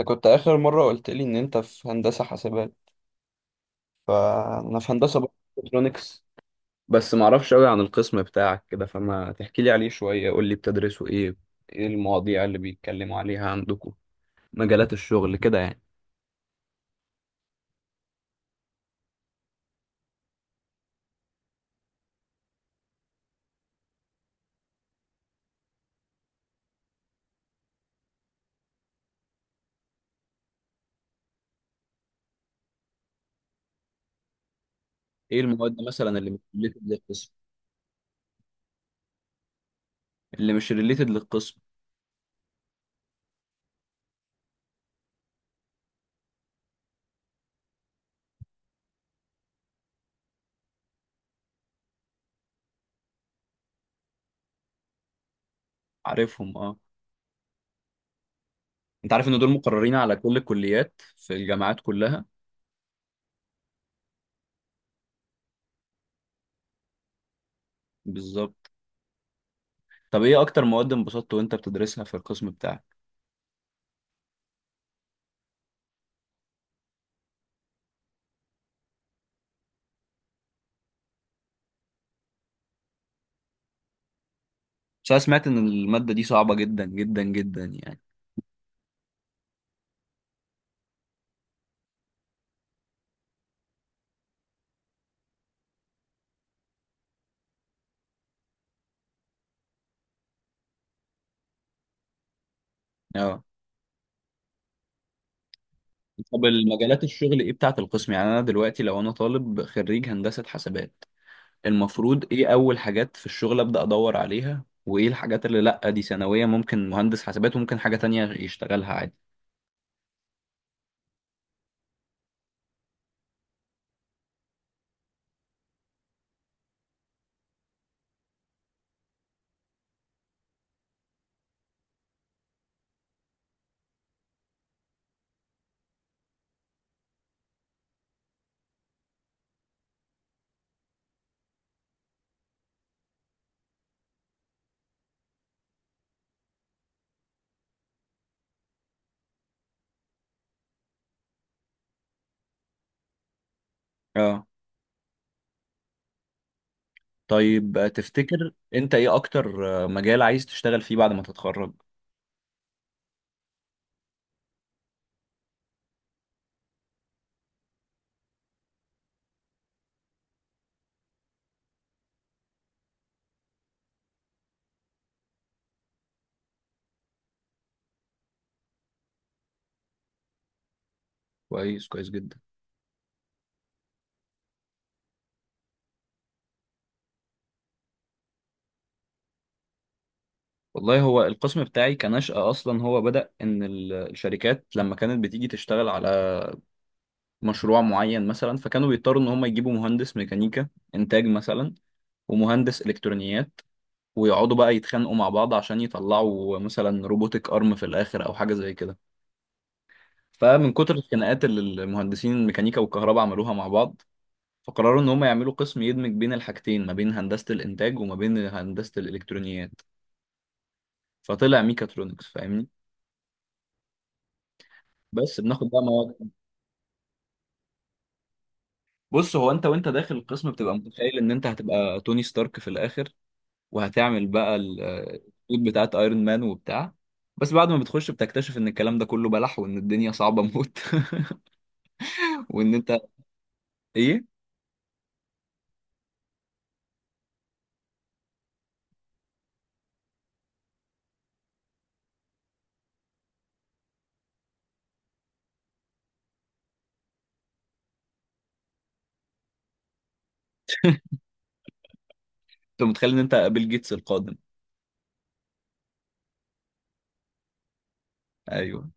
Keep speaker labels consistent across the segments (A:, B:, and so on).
A: انت كنت اخر مره قلت لي ان انت في هندسه حاسبات. فانا في هندسه برضه الكترونكس. بس ما اعرفش قوي عن القسم بتاعك كده، فما تحكي لي عليه شويه. قول لي، بتدرسوا ايه؟ ايه المواضيع اللي بيتكلموا عليها عندكم؟ مجالات الشغل كده يعني؟ ايه المواد مثلا اللي مش ريليتد للقسم؟ اللي مش ريليتد للقسم؟ عارفهم، اه. انت عارف ان دول مقررين على كل الكليات في الجامعات كلها. بالظبط. طب ايه اكتر مواد انبسطت وانت بتدرسها في القسم بتاعك؟ بس انا سمعت ان الماده دي صعبه جدا جدا جدا يعني. اه. طب، المجالات الشغل ايه بتاعت القسم؟ يعني انا دلوقتي لو انا طالب خريج هندسة حسابات، المفروض ايه اول حاجات في الشغل ابدأ ادور عليها، وايه الحاجات اللي لا دي ثانوية ممكن مهندس حسابات وممكن حاجة تانية يشتغلها عادي؟ اه. طيب، تفتكر انت ايه اكتر مجال عايز تشتغل فيه بعد ما تتخرج؟ كويس، كويس جدا. والله هو القسم بتاعي كنشأة أصلا هو بدأ إن الشركات لما كانت بتيجي تشتغل على مشروع معين مثلا، فكانوا بيضطروا إن هم يجيبوا مهندس ميكانيكا إنتاج مثلا، ومهندس الكترونيات، ويقعدوا بقى يتخانقوا مع بعض عشان يطلعوا مثلا روبوتك ارم في الاخر او حاجه زي كده. فمن كتر الخناقات اللي المهندسين الميكانيكا والكهرباء عملوها مع بعض، فقرروا ان هم يعملوا قسم يدمج بين الحاجتين ما بين هندسه الانتاج وما بين هندسه الالكترونيات. فطلع ميكاترونكس. فاهمني؟ بس بناخد بقى مواد. بص، هو انت وانت داخل القسم بتبقى متخيل ان انت هتبقى توني ستارك في الاخر، وهتعمل بقى السوت بتاعت ايرون مان وبتاع. بس بعد ما بتخش بتكتشف ان الكلام ده كله بلح، وان الدنيا صعبة موت. وان انت ايه. انت متخيل ان انت بيل جيتس القادم. ايوه.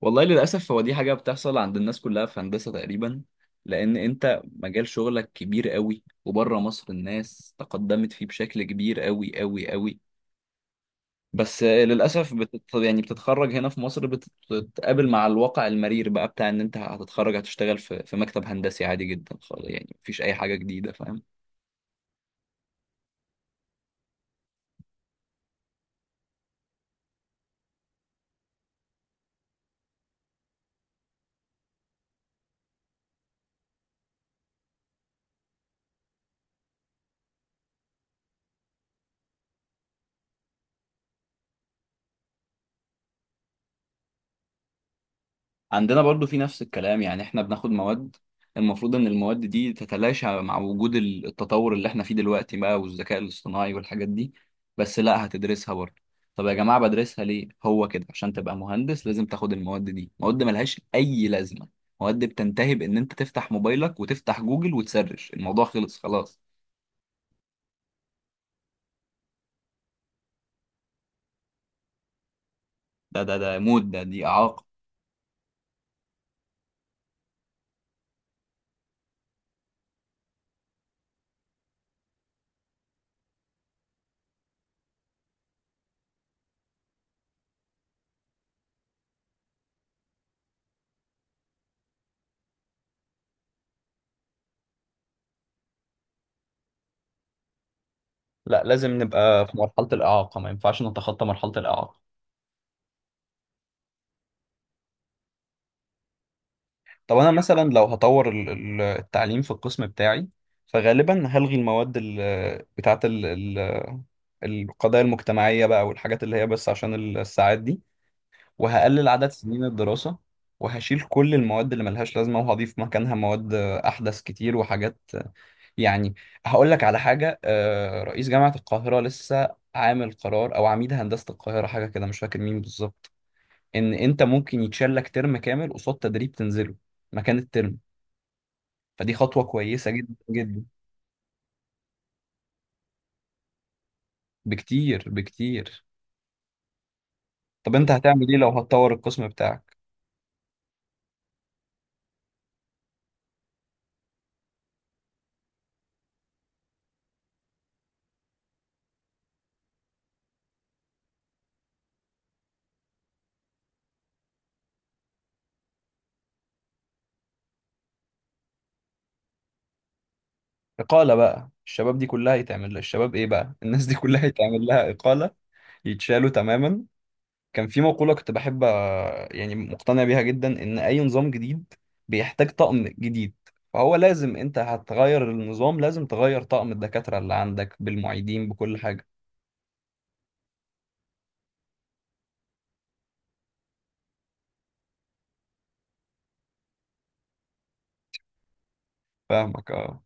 A: والله، للاسف هو دي حاجة بتحصل عند الناس كلها في هندسة تقريبا. لان انت مجال شغلك كبير قوي، وبره مصر الناس تقدمت فيه بشكل كبير قوي قوي قوي. بس للأسف يعني بتتخرج هنا في مصر بتتقابل مع الواقع المرير بقى بتاع إن أنت هتتخرج هتشتغل في مكتب هندسي عادي جدا خالص، يعني مفيش أي حاجة جديدة، فاهم؟ عندنا برضو في نفس الكلام، يعني احنا بناخد مواد. المفروض ان المواد دي تتلاشى مع وجود التطور اللي احنا فيه دلوقتي بقى، والذكاء الاصطناعي والحاجات دي. بس لا، هتدرسها برضو. طب يا جماعة بدرسها ليه؟ هو كده عشان تبقى مهندس لازم تاخد المواد دي. مواد ملهاش اي لازمة. مواد بتنتهي بان انت تفتح موبايلك وتفتح جوجل وتسرش الموضوع. خلص خلاص. ده موت، ده دي اعاقة. لا، لازم نبقى في مرحلة الإعاقة، ما ينفعش نتخطى مرحلة الإعاقة. طب انا مثلا لو هطور التعليم في القسم بتاعي، فغالبا هلغي المواد بتاعت القضايا المجتمعية بقى والحاجات اللي هي بس عشان الساعات دي. وهقلل عدد سنين الدراسة. وهشيل كل المواد اللي ملهاش لازمة وهضيف مكانها مواد أحدث كتير وحاجات يعني. هقول لك على حاجة، رئيس جامعة القاهرة لسه عامل قرار أو عميد هندسة القاهرة حاجة كده، مش فاكر مين بالظبط. إن أنت ممكن يتشال لك ترم كامل قصاد تدريب تنزله مكان الترم. فدي خطوة كويسة جدا جدا. بكتير بكتير. طب انت هتعمل ايه لو هتطور القسم بتاعك؟ إقالة بقى الشباب دي كلها يتعمل لها، الشباب ايه بقى الناس دي كلها يتعمل لها إقالة. يتشالوا تماما. كان في مقولة كنت بحب، يعني مقتنع بيها جدا ان اي نظام جديد بيحتاج طقم جديد. فهو لازم، انت هتغير النظام لازم تغير طقم الدكاترة اللي عندك بالمعيدين بكل حاجة. فاهمك، اه.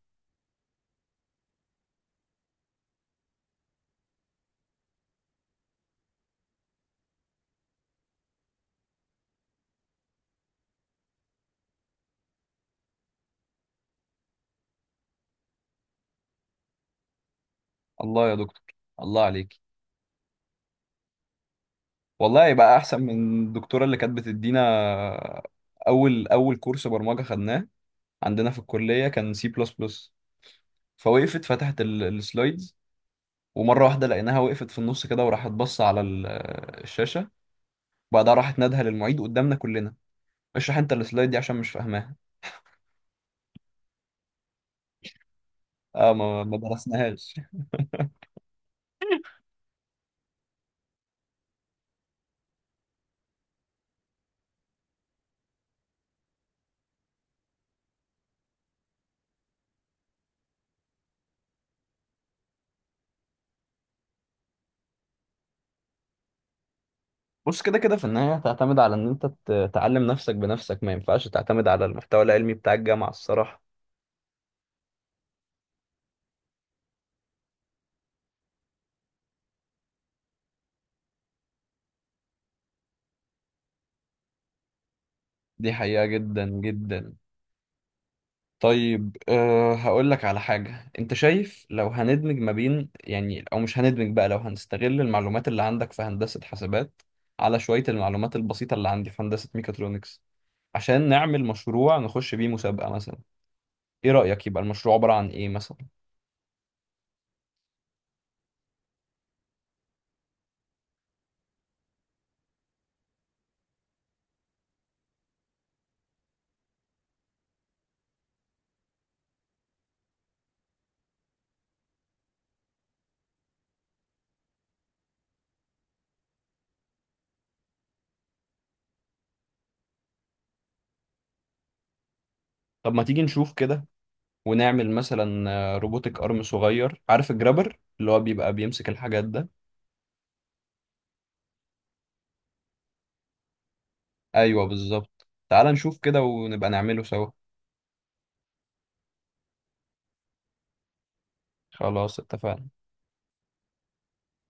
A: الله يا دكتور. الله عليك. والله يبقى احسن من الدكتوره اللي كانت بتدينا. اول كورس برمجه خدناه عندنا في الكليه كان سي بلس بلس. فوقفت فتحت السلايدز. ومره واحده لقيناها وقفت في النص كده، وراحت بص على الشاشه. وبعدها راحت نادها للمعيد قدامنا كلنا. اشرح انت السلايد دي عشان مش فاهماها. اه، ما درسناهاش. بص، كده كده في النهايه هتعتمد على ان انت تعلم نفسك بنفسك. ما ينفعش تعتمد على المحتوى العلمي بتاع الجامعه الصراحه. دي حقيقه جدا جدا. طيب، هقول لك على حاجة. انت شايف لو هندمج ما بين يعني او مش هندمج بقى لو هنستغل المعلومات اللي عندك في هندسة حاسبات، على شوية المعلومات البسيطة اللي عندي في هندسة ميكاترونكس، عشان نعمل مشروع نخش بيه مسابقة مثلا. ايه رأيك؟ يبقى المشروع عبارة عن ايه مثلا؟ طب ما تيجي نشوف كده. ونعمل مثلا روبوتك ارم صغير. عارف الجرابر اللي هو بيبقى بيمسك الحاجات ده؟ ايوه بالظبط، تعال نشوف كده ونبقى نعمله سوا. خلاص، اتفقنا.